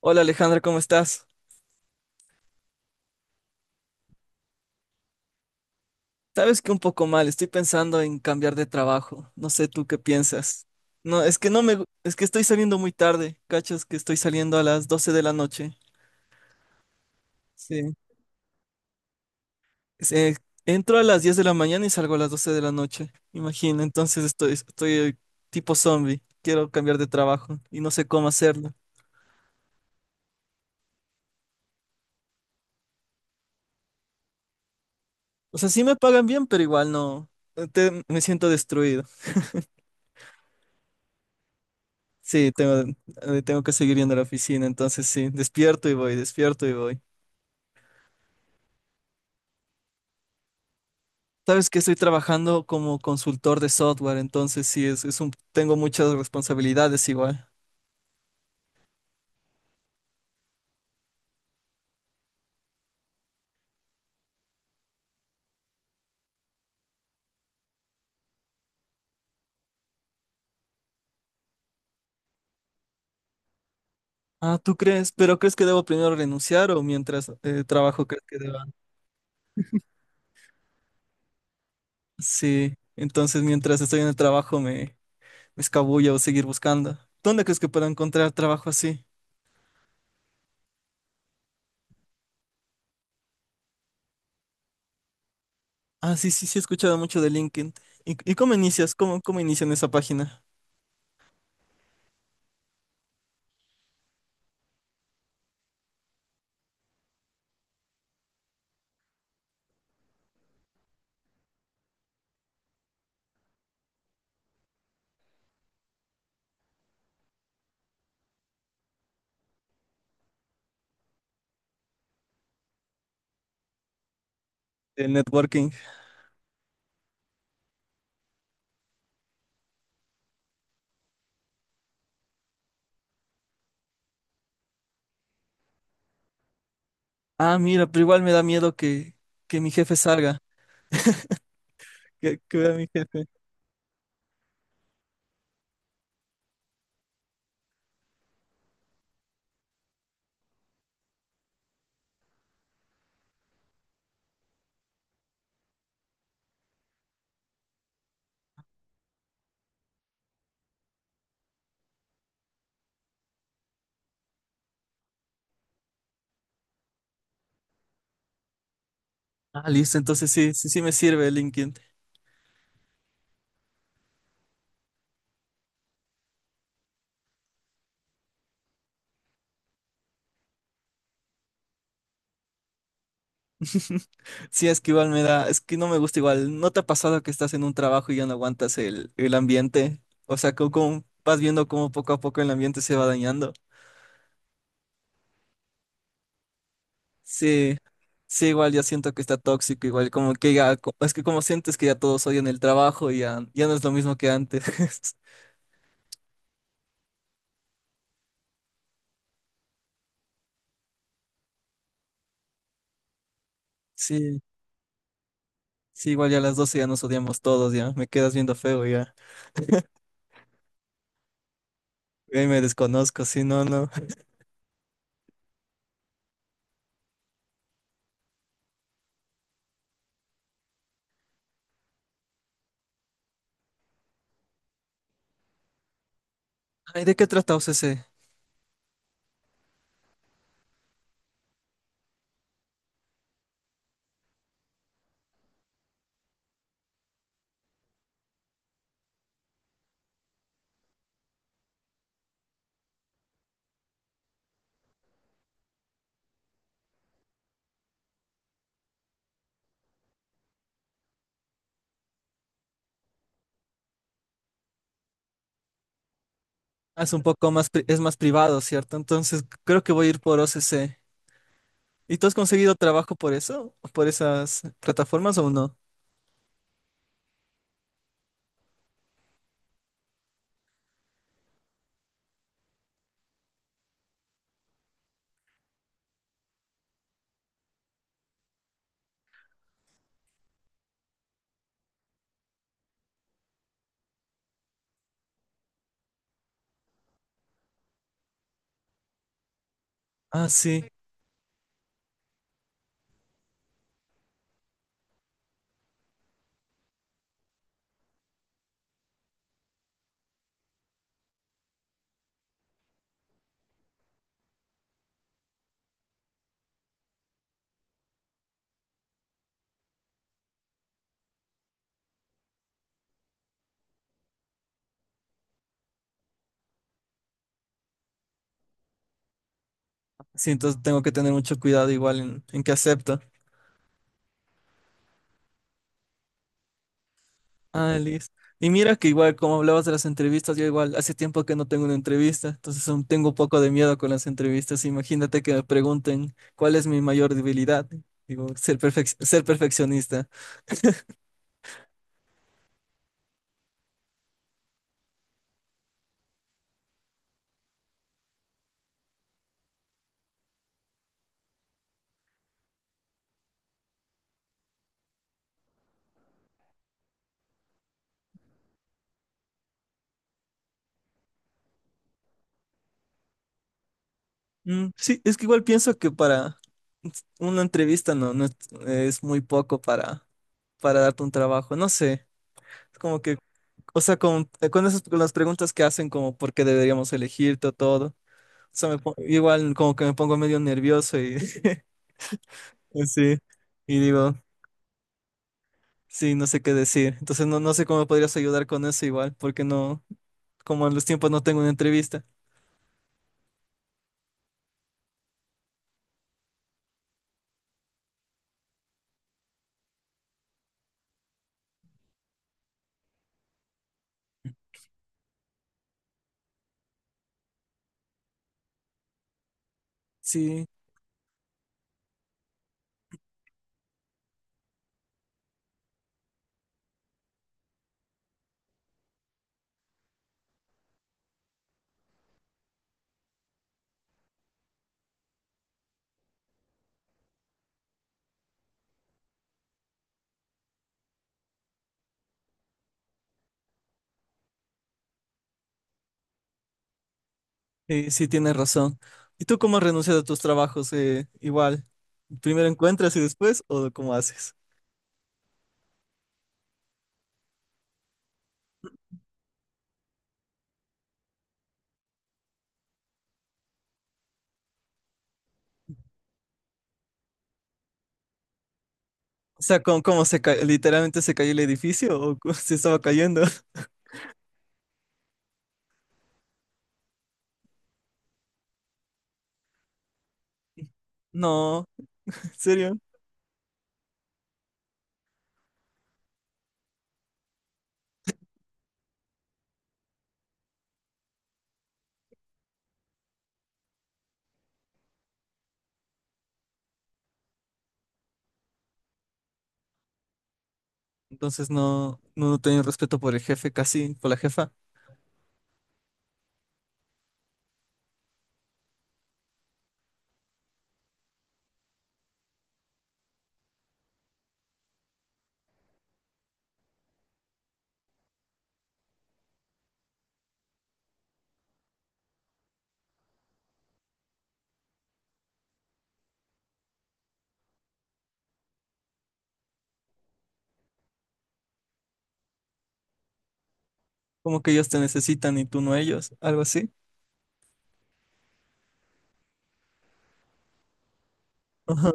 Hola Alejandra, ¿cómo estás? Sabes que un poco mal, estoy pensando en cambiar de trabajo. No sé tú qué piensas. No, es que no me, es que estoy saliendo muy tarde, ¿cachas? Que estoy saliendo a las 12 de la noche. Sí. Se- Entro a las 10 de la mañana y salgo a las 12 de la noche. Imagina, entonces estoy tipo zombie. Quiero cambiar de trabajo y no sé cómo hacerlo. O sea, sí me pagan bien, pero igual no. Me siento destruido. Sí, tengo, tengo que seguir yendo a la oficina, entonces sí, despierto y voy, despierto y voy. Sabes que estoy trabajando como consultor de software, entonces sí, tengo muchas responsabilidades igual. Ah, ¿tú crees? ¿Pero crees que debo primero renunciar o mientras trabajo crees que deba? Sí, entonces mientras estoy en el trabajo me, me escabullo o seguir buscando. ¿Dónde crees que puedo encontrar trabajo así? Ah, sí, sí, sí, he escuchado mucho de LinkedIn. ¿Y cómo inicias? ¿Cómo inician esa página de networking? Ah, mira, pero igual me da miedo que mi jefe salga, que vea a mi jefe. Ah, listo, entonces sí, sí, sí me sirve LinkedIn. Sí, es que igual me da, es que no me gusta igual. ¿No te ha pasado que estás en un trabajo y ya no aguantas el ambiente? O sea, como, vas viendo cómo poco a poco el ambiente se va dañando. Sí, sí, igual ya siento que está tóxico, igual como que ya, es que como sientes que ya todos odian el trabajo y ya, ya no es lo mismo que antes. Sí, sí, igual ya a las 12 ya nos odiamos todos, ya, me quedas viendo feo ya. Ahí me desconozco, sí, no, no. Ay, ¿de qué trata O C C? Ah, es un poco más, es más privado, ¿cierto? Entonces creo que voy a ir por O C C. ¿Y tú has conseguido trabajo por eso? ¿Por esas plataformas o no? Ah, sí. Sí, entonces tengo que tener mucho cuidado igual en qué acepto. Ah, listo. Y mira que igual, como hablabas de las entrevistas, yo igual hace tiempo que no tengo una entrevista, entonces aún tengo un poco de miedo con las entrevistas. Imagínate que me pregunten cuál es mi mayor debilidad. Digo, ser perfeccionista. Mm, sí, es que igual pienso que para una entrevista no, no es, es muy poco para darte un trabajo. No sé, es como que. O sea, con esas con las preguntas que hacen como por qué deberíamos elegir todo, todo. O sea, igual como que me pongo medio nervioso y sí, y digo, sí, no sé qué decir. Entonces no, no sé cómo me podrías ayudar con eso igual, porque no, como en los tiempos no tengo una entrevista. Sí, sí, sí tienes razón. ¿Y tú cómo renuncias a tus trabajos? Igual, ¿primero encuentras y después o cómo haces? O sea, ¿cómo literalmente se cayó el edificio o se estaba cayendo? No, ¿en serio? Entonces no, no tenía respeto por el jefe casi, por la jefa. Como que ellos te necesitan y tú no a ellos, algo así. Ajá,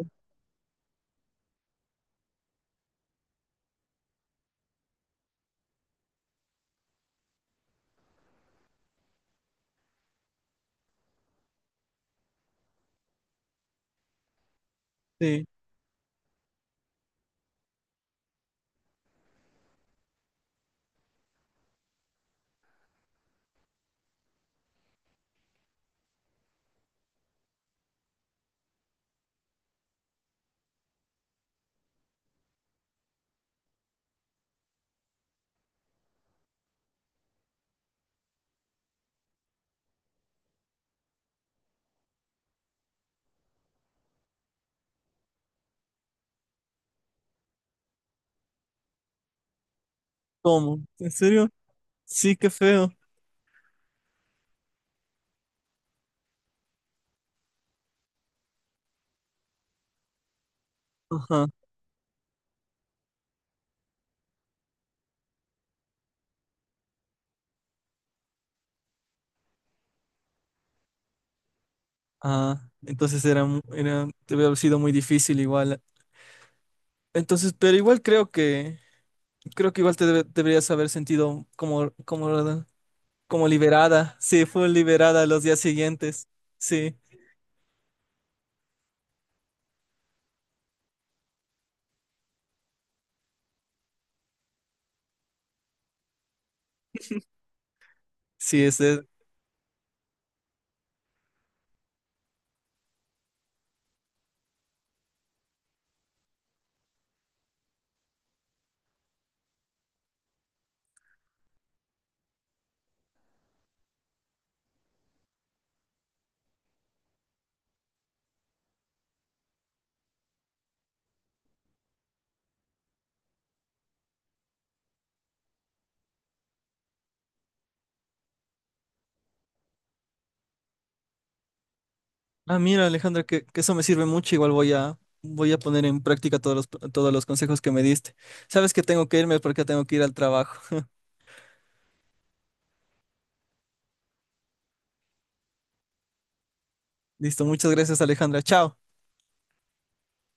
sí. ¿Cómo? ¿En serio? Sí, qué feo. Ajá. Ah, entonces era, era, debe haber sido muy difícil igual. Entonces, pero igual creo que igual te deberías haber sentido como, como, como liberada. Sí, fue liberada los días siguientes. Sí, sí, es. Ah, mira, Alejandra, que eso me sirve mucho. Igual voy a, voy a poner en práctica todos los consejos que me diste. Sabes que tengo que irme porque tengo que ir al trabajo. Listo, muchas gracias, Alejandra. Chao.